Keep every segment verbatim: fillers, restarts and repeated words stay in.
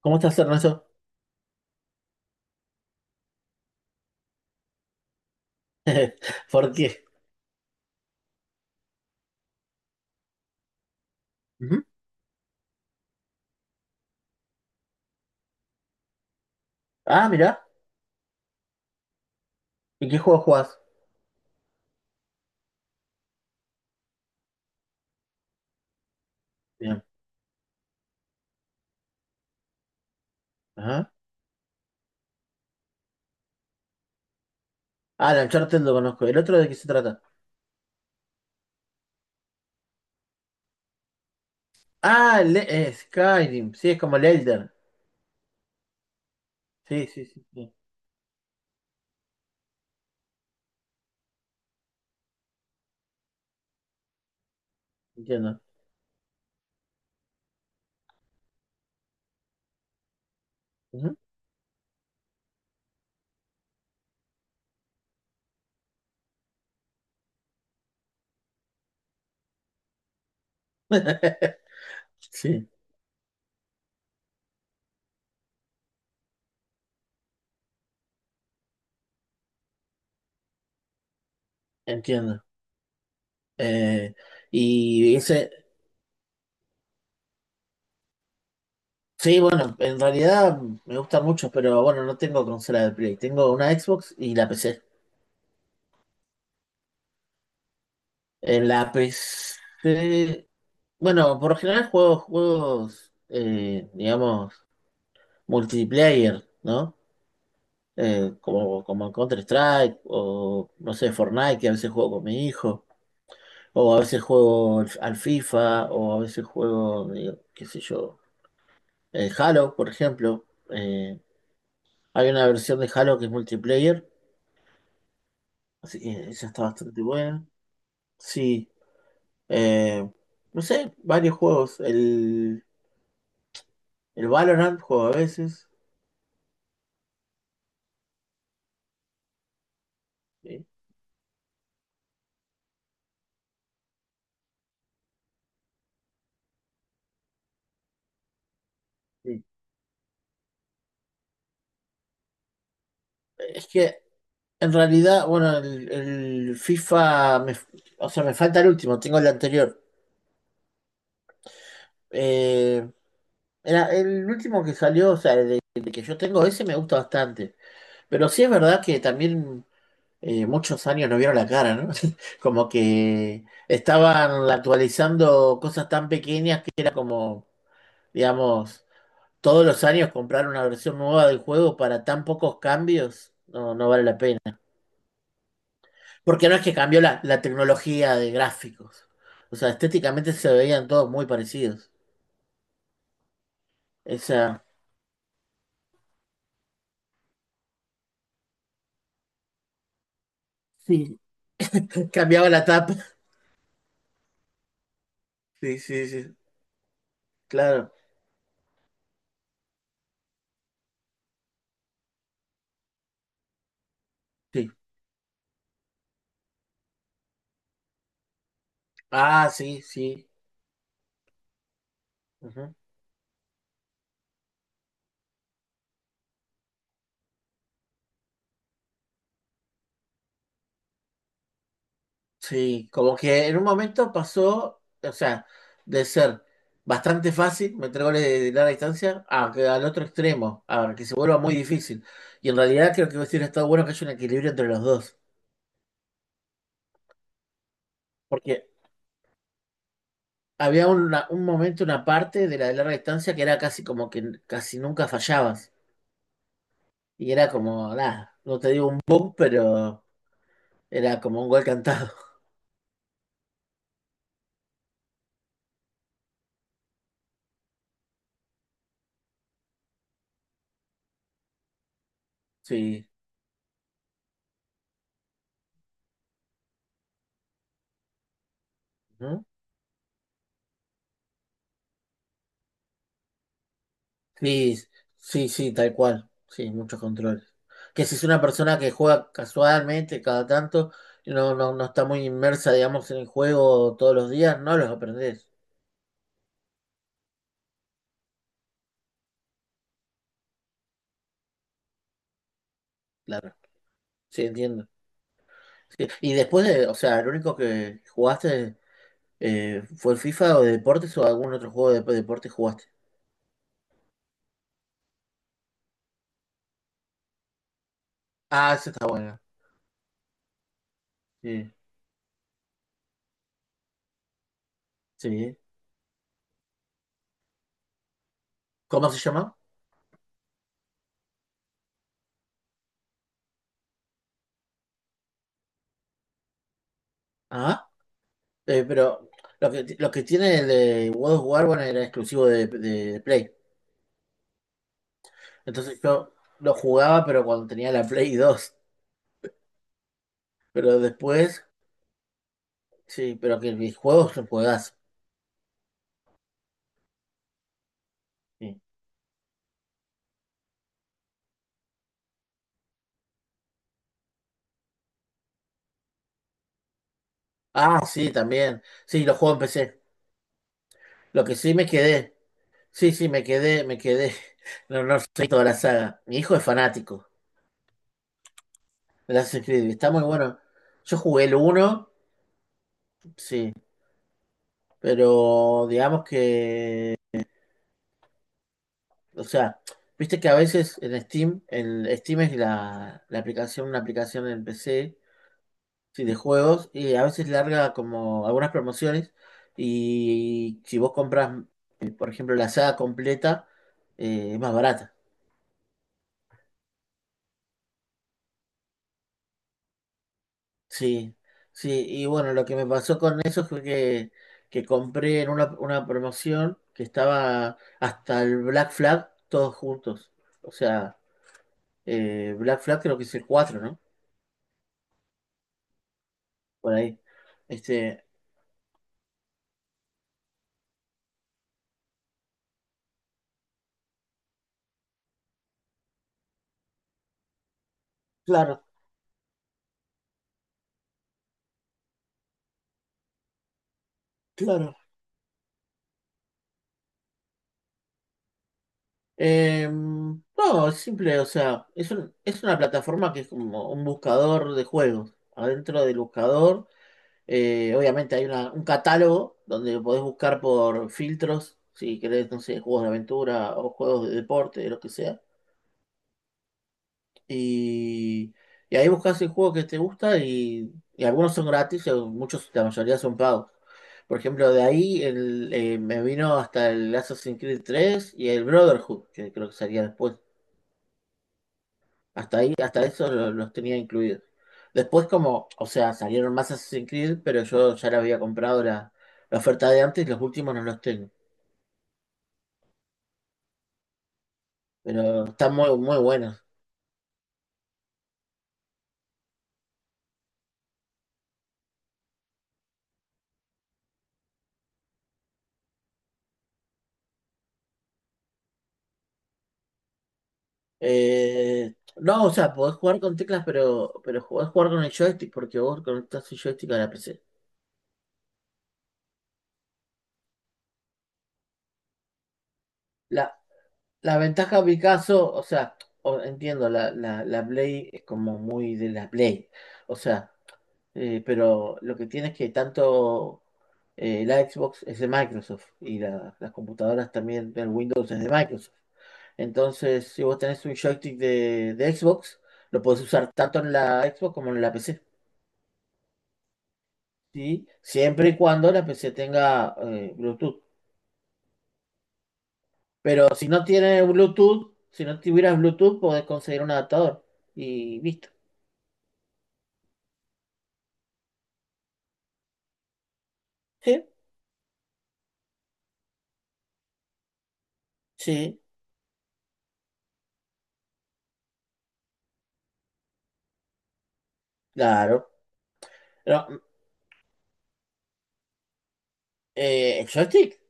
¿Cómo estás, Ernesto? Fortier. Ujú. Ah, mirá. ¿En qué juego jugás? Bien. Ajá. Ah, el Uncharted lo conozco. ¿El otro de qué se trata? Ah, el eh, Skyrim. Sí, es como el Elder. Sí, sí, sí. Sí. Entiendo. Ujú. Sí, entiendo. Eh, y ese. Sí, bueno, en realidad me gustan mucho, pero bueno, no tengo consola de Play. Tengo una Xbox y la P C. En la P C. Bueno, por lo general juego juegos, eh, digamos. Multiplayer, ¿no? Eh, como, como Counter-Strike o, no sé, Fortnite, que a veces juego con mi hijo, o a veces juego al al FIFA, o a veces juego, eh, qué sé yo, eh, Halo, por ejemplo. Eh, hay una versión de Halo que es multiplayer, así que esa está bastante buena. Sí, eh, no sé, varios juegos. El, el Valorant juego a veces. Sí, sí. Es que en realidad, bueno, el, el FIFA, me- o sea, me falta el último, tengo el anterior. Eh, era el último que salió, o sea, el de, el que yo tengo, ese me gusta bastante. Pero sí es verdad que también, eh, muchos años no vieron la cara, ¿no? Como que estaban actualizando cosas tan pequeñas que era como, digamos, todos los años comprar una versión nueva del juego para tan pocos cambios, no, no vale la pena. Porque no es que cambió la, la tecnología de gráficos. O sea, estéticamente se veían todos muy parecidos. Esa. Sí. Cambiaba la tapa. Sí, sí, sí, claro. Sí. Ah, sí, sí. Ujú. Sí, como que en un momento pasó, o sea, de ser bastante fácil meter goles de, de larga distancia a que al otro extremo, a que se vuelva muy difícil. Y en realidad creo que hubiera estado bueno que haya un equilibrio entre los dos. Porque había una- un momento, una parte de la de larga distancia que era casi como que casi nunca fallabas. Y era como, nada, no te digo un boom, pero era como un gol cantado. Sí, ¿no? Sí, sí, sí, tal cual. Sí, muchos controles. Que si es una persona que juega casualmente cada tanto, y no, no, no está muy inmersa, digamos, en el juego todos los días, no los aprendés. Claro, sí, entiendo. Sí, y después de, o sea, el único que jugaste, Eh, ¿fue el FIFA o de deportes o algún otro juego de deportes jugaste? Ah, eso está bueno. Sí, sí. ¿Cómo se llama? Ah, eh, pero lo que, lo que tiene el de World of War, bueno, era exclusivo de, de- de Play. Entonces yo lo jugaba, pero cuando tenía la Play dos. Pero después, sí, pero que mis juegos son juegas. Sí. Ah, sí, también. Sí, los juegos en P C. Lo que sí me quedé. Sí, sí, me quedé, me quedé. No, no soy toda la saga. Mi hijo es fanático. El Assassin's Creed, está muy bueno. Yo jugué el uno sí, pero digamos que, o sea, viste que a veces en Steam, el Steam es la, la aplicación, una aplicación en P C, sí, de juegos, y a veces larga como algunas promociones, y si vos compras, eh, por ejemplo, la saga completa, eh, es más barata. Sí, sí, y bueno, lo que me pasó con eso fue que, que compré en una, una promoción que estaba hasta el Black Flag todos juntos. O sea, eh, Black Flag creo que es el cuatro, ¿no? Por ahí. Este, claro, claro. Eh, no, es simple, o sea, es un- es una plataforma que es como un buscador de juegos. Adentro del buscador. Eh, obviamente hay una- un catálogo donde podés buscar por filtros, si querés, no sé, juegos de aventura o juegos de deporte, lo que sea. Y, y ahí buscas el juego que te gusta y, y algunos son gratis, y muchos, la mayoría son pagos. Por ejemplo, de ahí el, eh, me vino hasta el Assassin's Creed tres y el Brotherhood, que creo que salía después. Hasta ahí, hasta eso lo- los tenía incluidos. Después como, o sea, salieron más Assassin's Creed, pero yo ya le había comprado la, la oferta de antes, los últimos no los tengo. Pero están muy, muy buenos. Eh, no, o sea, podés jugar con teclas, pero, pero podés jugar con el joystick, porque vos conectás el joystick a la P C. La, la ventaja en mi caso, o sea, o- entiendo, la, la, la Play es como muy de la Play. O sea, Eh, pero lo que tiene es que tanto, eh, la Xbox es de Microsoft y la- las computadoras también del Windows es de Microsoft. Entonces, si vos tenés un joystick de, de Xbox, lo podés usar tanto en la Xbox como en la P C, ¿sí? Siempre y cuando la P C tenga, eh, Bluetooth. Pero si no tiene Bluetooth, si no tuvieras Bluetooth, podés conseguir un adaptador y listo. Sí, sí, claro. Pero, eh, el joystick.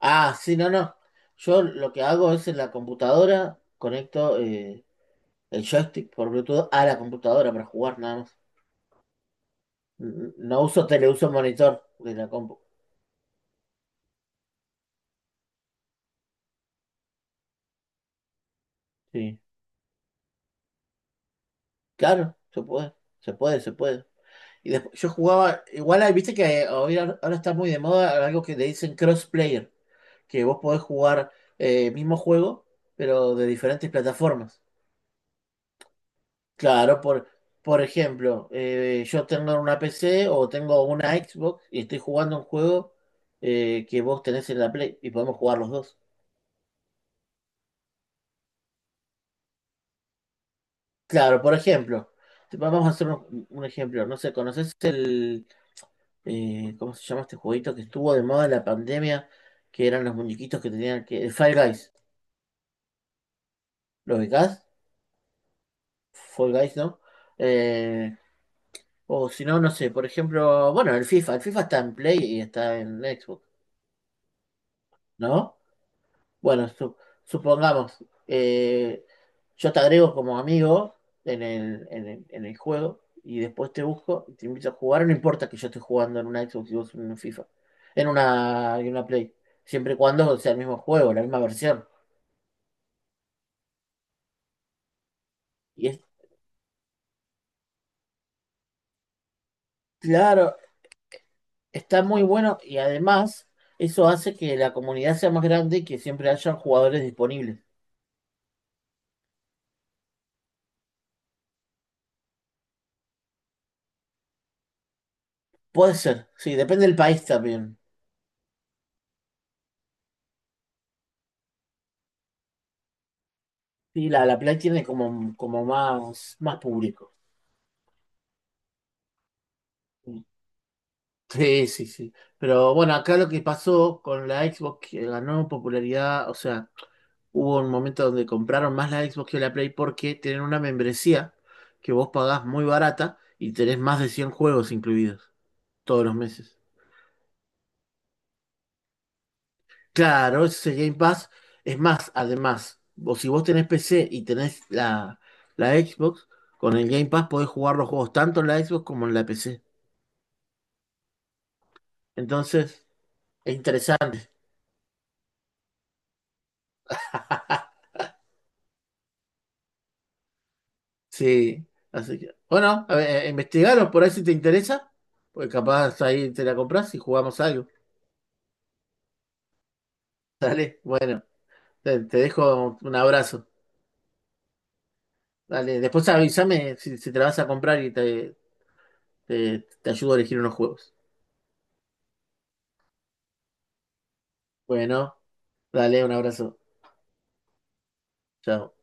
Ah, sí, no, no. Yo lo que hago es en la computadora, conecto, eh, el joystick por Bluetooth a la computadora para jugar nada más. N- No uso tele, uso monitor de la compu. Sí. Claro, se puede, se puede, se puede. Y después yo jugaba, igual ahí, viste que hoy- ahora está muy de moda algo que le dicen crossplayer, que vos podés jugar, eh, mismo juego, pero de diferentes plataformas. Claro, por, por ejemplo, eh, yo tengo una P C o tengo una Xbox y estoy jugando un juego, eh, que vos tenés en la Play y podemos jugar los dos. Claro, por ejemplo, te- vamos a hacer un, un ejemplo. No sé, ¿conoces el, eh, cómo se llama este jueguito que estuvo de moda en la pandemia? Que eran los muñequitos que tenían que... El Fall Guys. ¿Lo ubicás? Fall Guys, ¿no? Eh, o si no, no sé, por ejemplo, bueno, el FIFA. El FIFA está en Play y está en Xbox, ¿no? Bueno, su- supongamos, eh, yo te agrego como amigo en el, en el, en el juego y después te busco y te invito a jugar. No importa que yo esté jugando en una Xbox y vos en una FIFA, en una, en una Play, siempre y cuando sea el mismo juego, la misma versión. Y es claro, está muy bueno y además eso hace que la comunidad sea más grande y que siempre haya jugadores disponibles. Puede ser, sí, depende del país también. Sí, la, la Play tiene como, como más, más público. Sí, sí, sí. Pero bueno, acá lo que pasó con la Xbox que ganó popularidad, o sea, hubo un momento donde compraron más la Xbox que la Play porque tienen una membresía que vos pagás muy barata y tenés más de cien juegos incluidos todos los meses. Claro, ese Game Pass es más, además, o si vos tenés P C y tenés la, la Xbox, con el Game Pass podés jugar los juegos tanto en la Xbox como en la P C. Entonces, es interesante. Sí, así que. Bueno, a ver, eh, investigaros por ahí si te interesa, porque capaz ahí te la compras y jugamos algo. Dale, bueno, te, te dejo un abrazo. Dale, después avísame si, si te la vas a comprar y te, te, te ayudo a elegir unos juegos. Bueno, dale, un abrazo. Chao.